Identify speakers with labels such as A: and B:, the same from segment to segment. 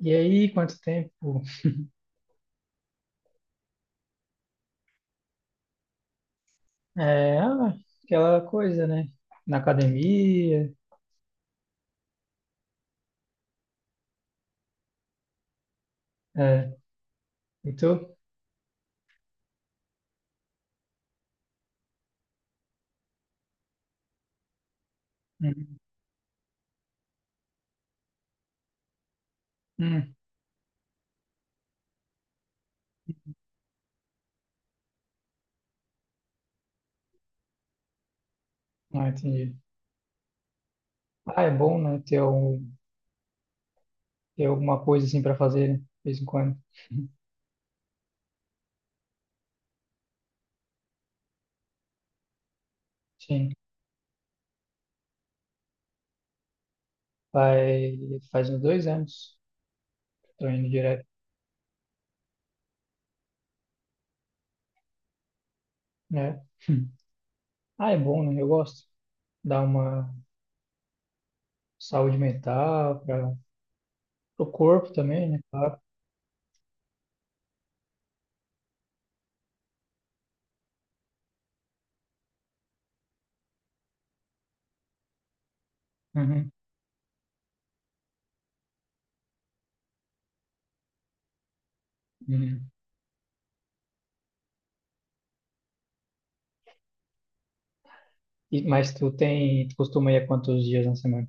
A: E aí, quanto tempo? É, ah, Aquela coisa, né? Na academia. É. E tu? Uhum. Hum. Ah, entendi. Ah, é bom, né? Ter alguma coisa assim para fazer, né? De vez em quando. Sim. Faz, faz uns 2 anos. Tô indo direto, né? Hum. Ah, é bom, né? Eu gosto. Dá uma saúde mental para o corpo também, né? Claro. Uhum. Uhum. E, mas tu costuma ir a quantos dias na semana?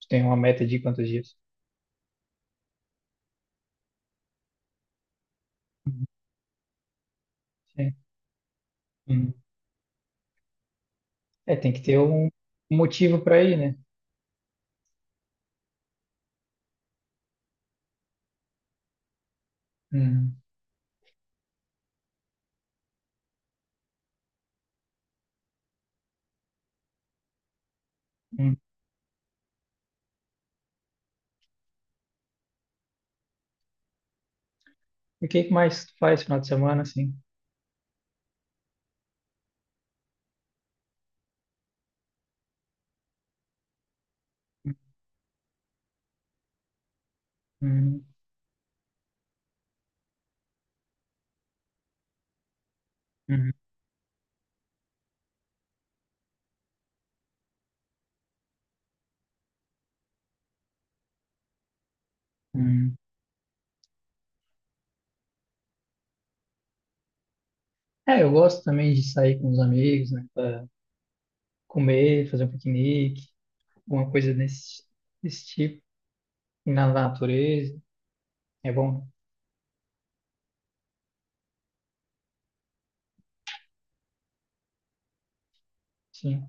A: Tu Tem uma meta de quantos dias? Uhum. É, Uhum. É, tem que ter um motivo para ir, né? Uhum. Uhum. E o que que mais tu faz final de semana, assim? Uhum. Uhum. Uhum. É, eu gosto também de sair com os amigos, né? Pra comer, fazer um piquenique, alguma coisa desse, desse tipo. Ir na natureza, é bom, sim.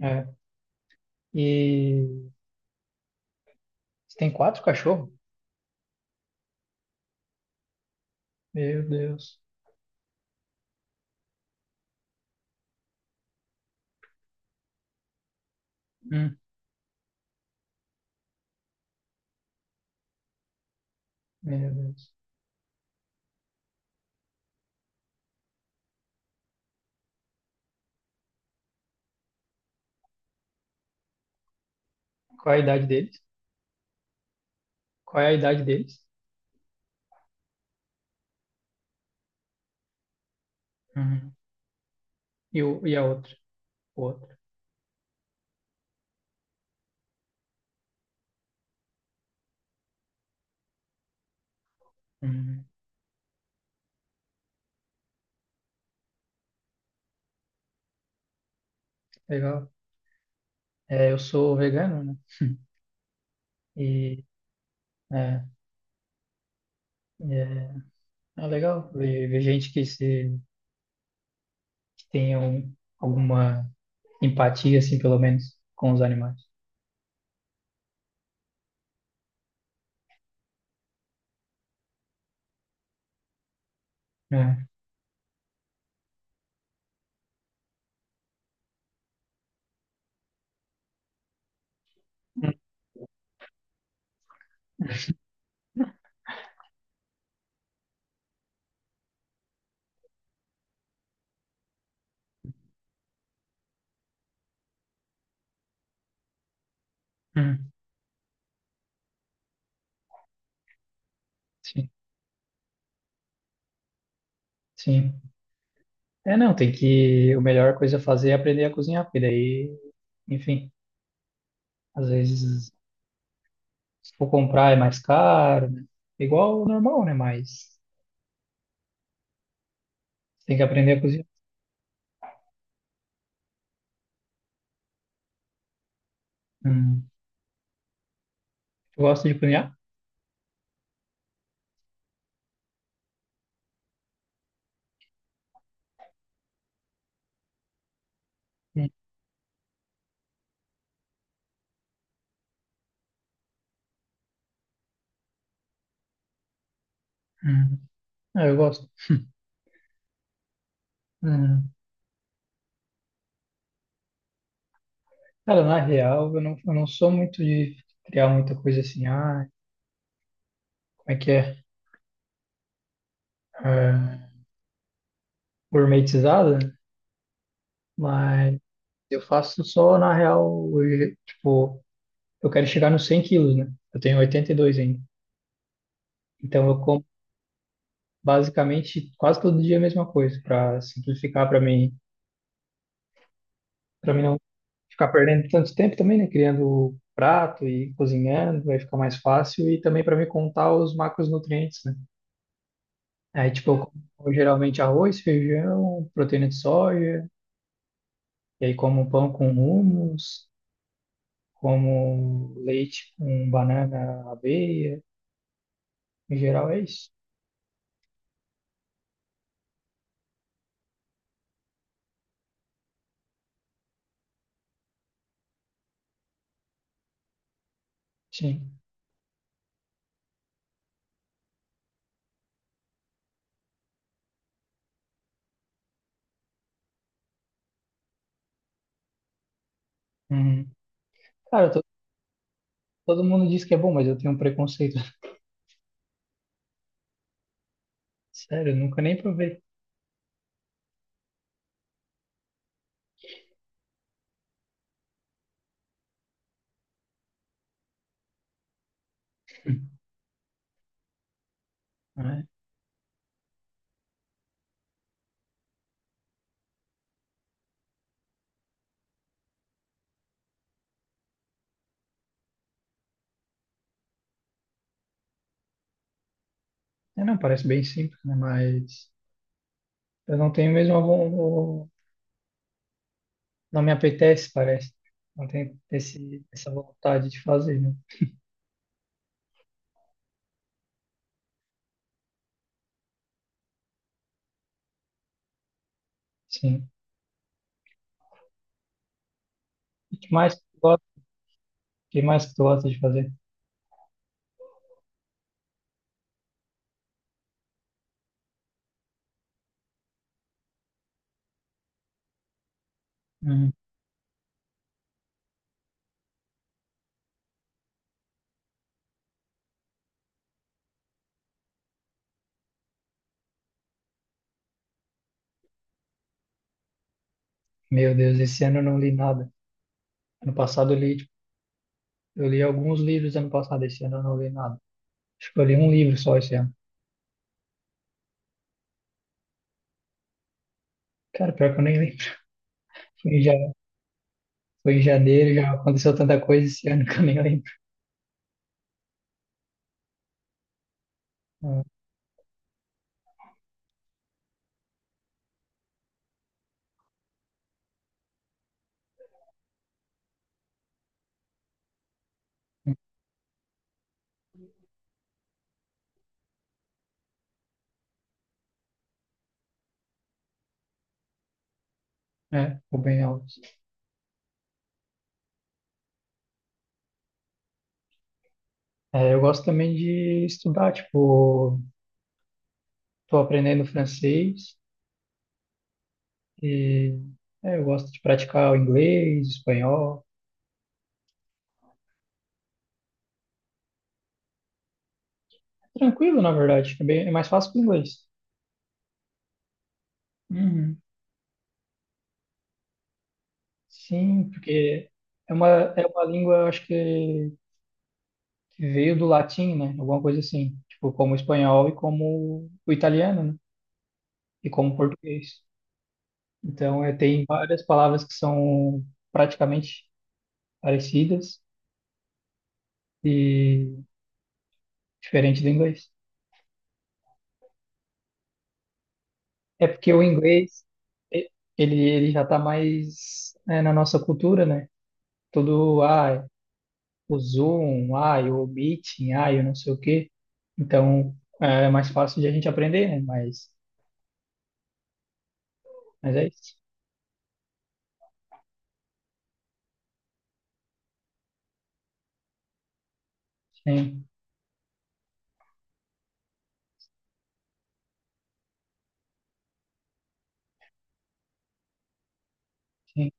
A: É. E você tem 4 cachorros? Meu Deus. Hum, Meu Deus. Qual é a idade deles? Qual é a idade deles? Uhum. E a outra? Outro. Hum, legal. É, eu sou vegano, né? E é, é, é legal ver, ver gente que, se, que tenha um- alguma empatia, assim, pelo menos, com os animais. É. Hum, hum, sim, sim. É, não, tem que... A melhor coisa a fazer é aprender a cozinhar, porque daí, enfim, às vezes, se for comprar é mais caro, né? Igual o normal, né? Mas tem que aprender a cozinhar. Hum. Tu gosta de cozinhar? Hum. hum. Ah, eu gosto. Hum. Cara, na real, eu não sou muito de criar muita coisa assim, como é que é? Ah, gourmetizada, mas eu faço só, na real, hoje, tipo, eu quero chegar nos 100 quilos, né? Eu tenho 82 ainda. Então eu como basicamente quase todo dia a mesma coisa, para simplificar para mim não ficar perdendo tanto tempo também, né? Criando prato e cozinhando, vai ficar mais fácil e também para me contar os macronutrientes, né? Aí, tipo, eu como geralmente arroz, feijão, proteína de soja, e aí como pão com hummus, como leite com banana, aveia. Em geral é isso. Sim. Uhum. Cara, todo mundo diz que é bom, mas eu tenho um preconceito. Sério, eu nunca nem provei. Né? É, não, parece bem simples, né? Mas eu não tenho mesmo a von... o- não me apetece, parece. Não tenho essa vontade de fazer, né? Sim. E o que mais que tu gosta, o que mais que tu gosta de fazer? Uhum. Meu Deus, esse ano eu não li nada. Ano passado eu li, tipo, eu li alguns livros ano passado, esse ano eu não li nada. Acho que eu li um livro só esse ano. Cara, pior que eu nem lembro. Foi em, ja- foi em janeiro, já aconteceu tanta coisa esse ano que eu nem lembro. É, ficou bem alto. É, eu gosto também de estudar, tipo, tô aprendendo francês e é, eu gosto de praticar o inglês, espanhol. É tranquilo, na verdade, é, bem, é mais fácil que o inglês. Uhum. Sim, porque é uma, é uma língua, eu acho que veio do latim, né? Alguma coisa assim, tipo como o espanhol e como o italiano, né? E como o português. Então, é, tem várias palavras que são praticamente parecidas e diferentes do inglês. É porque o inglês e- ele já está mais né, na nossa cultura, né? Tudo, ah, o Zoom, ah, o Meeting, ah, eu não sei o quê. Então, é mais fácil de a gente aprender, né? Mas é isso. Sim, sim,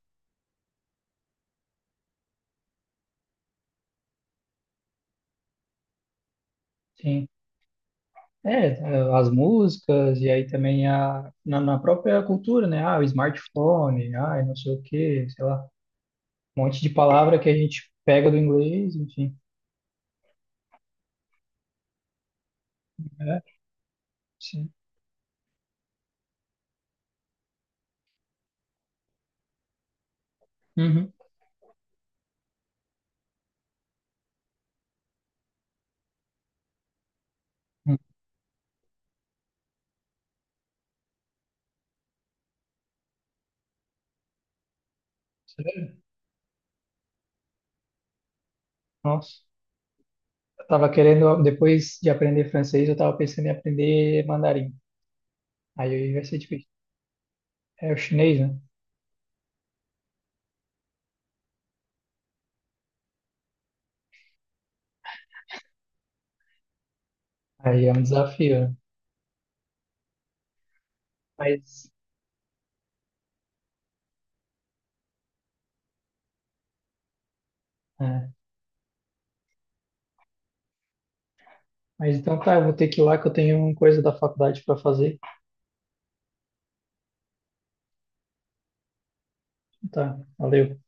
A: sim. É, eh, as músicas e aí também na própria cultura, né? Ah, o smartphone, ah, não sei o quê, sei lá, um monte de palavra que a gente pega do inglês, enfim. É, sim. Uhum. Hum, sério? Nossa. Eu tava querendo, depois de aprender francês, eu tava pensando em aprender mandarim. Aí vai ser difícil. É o chinês, né? Aí é um desafio, né? Mas, é. Mas então tá, eu vou ter que ir lá que eu tenho coisa da faculdade para fazer. Tá, valeu.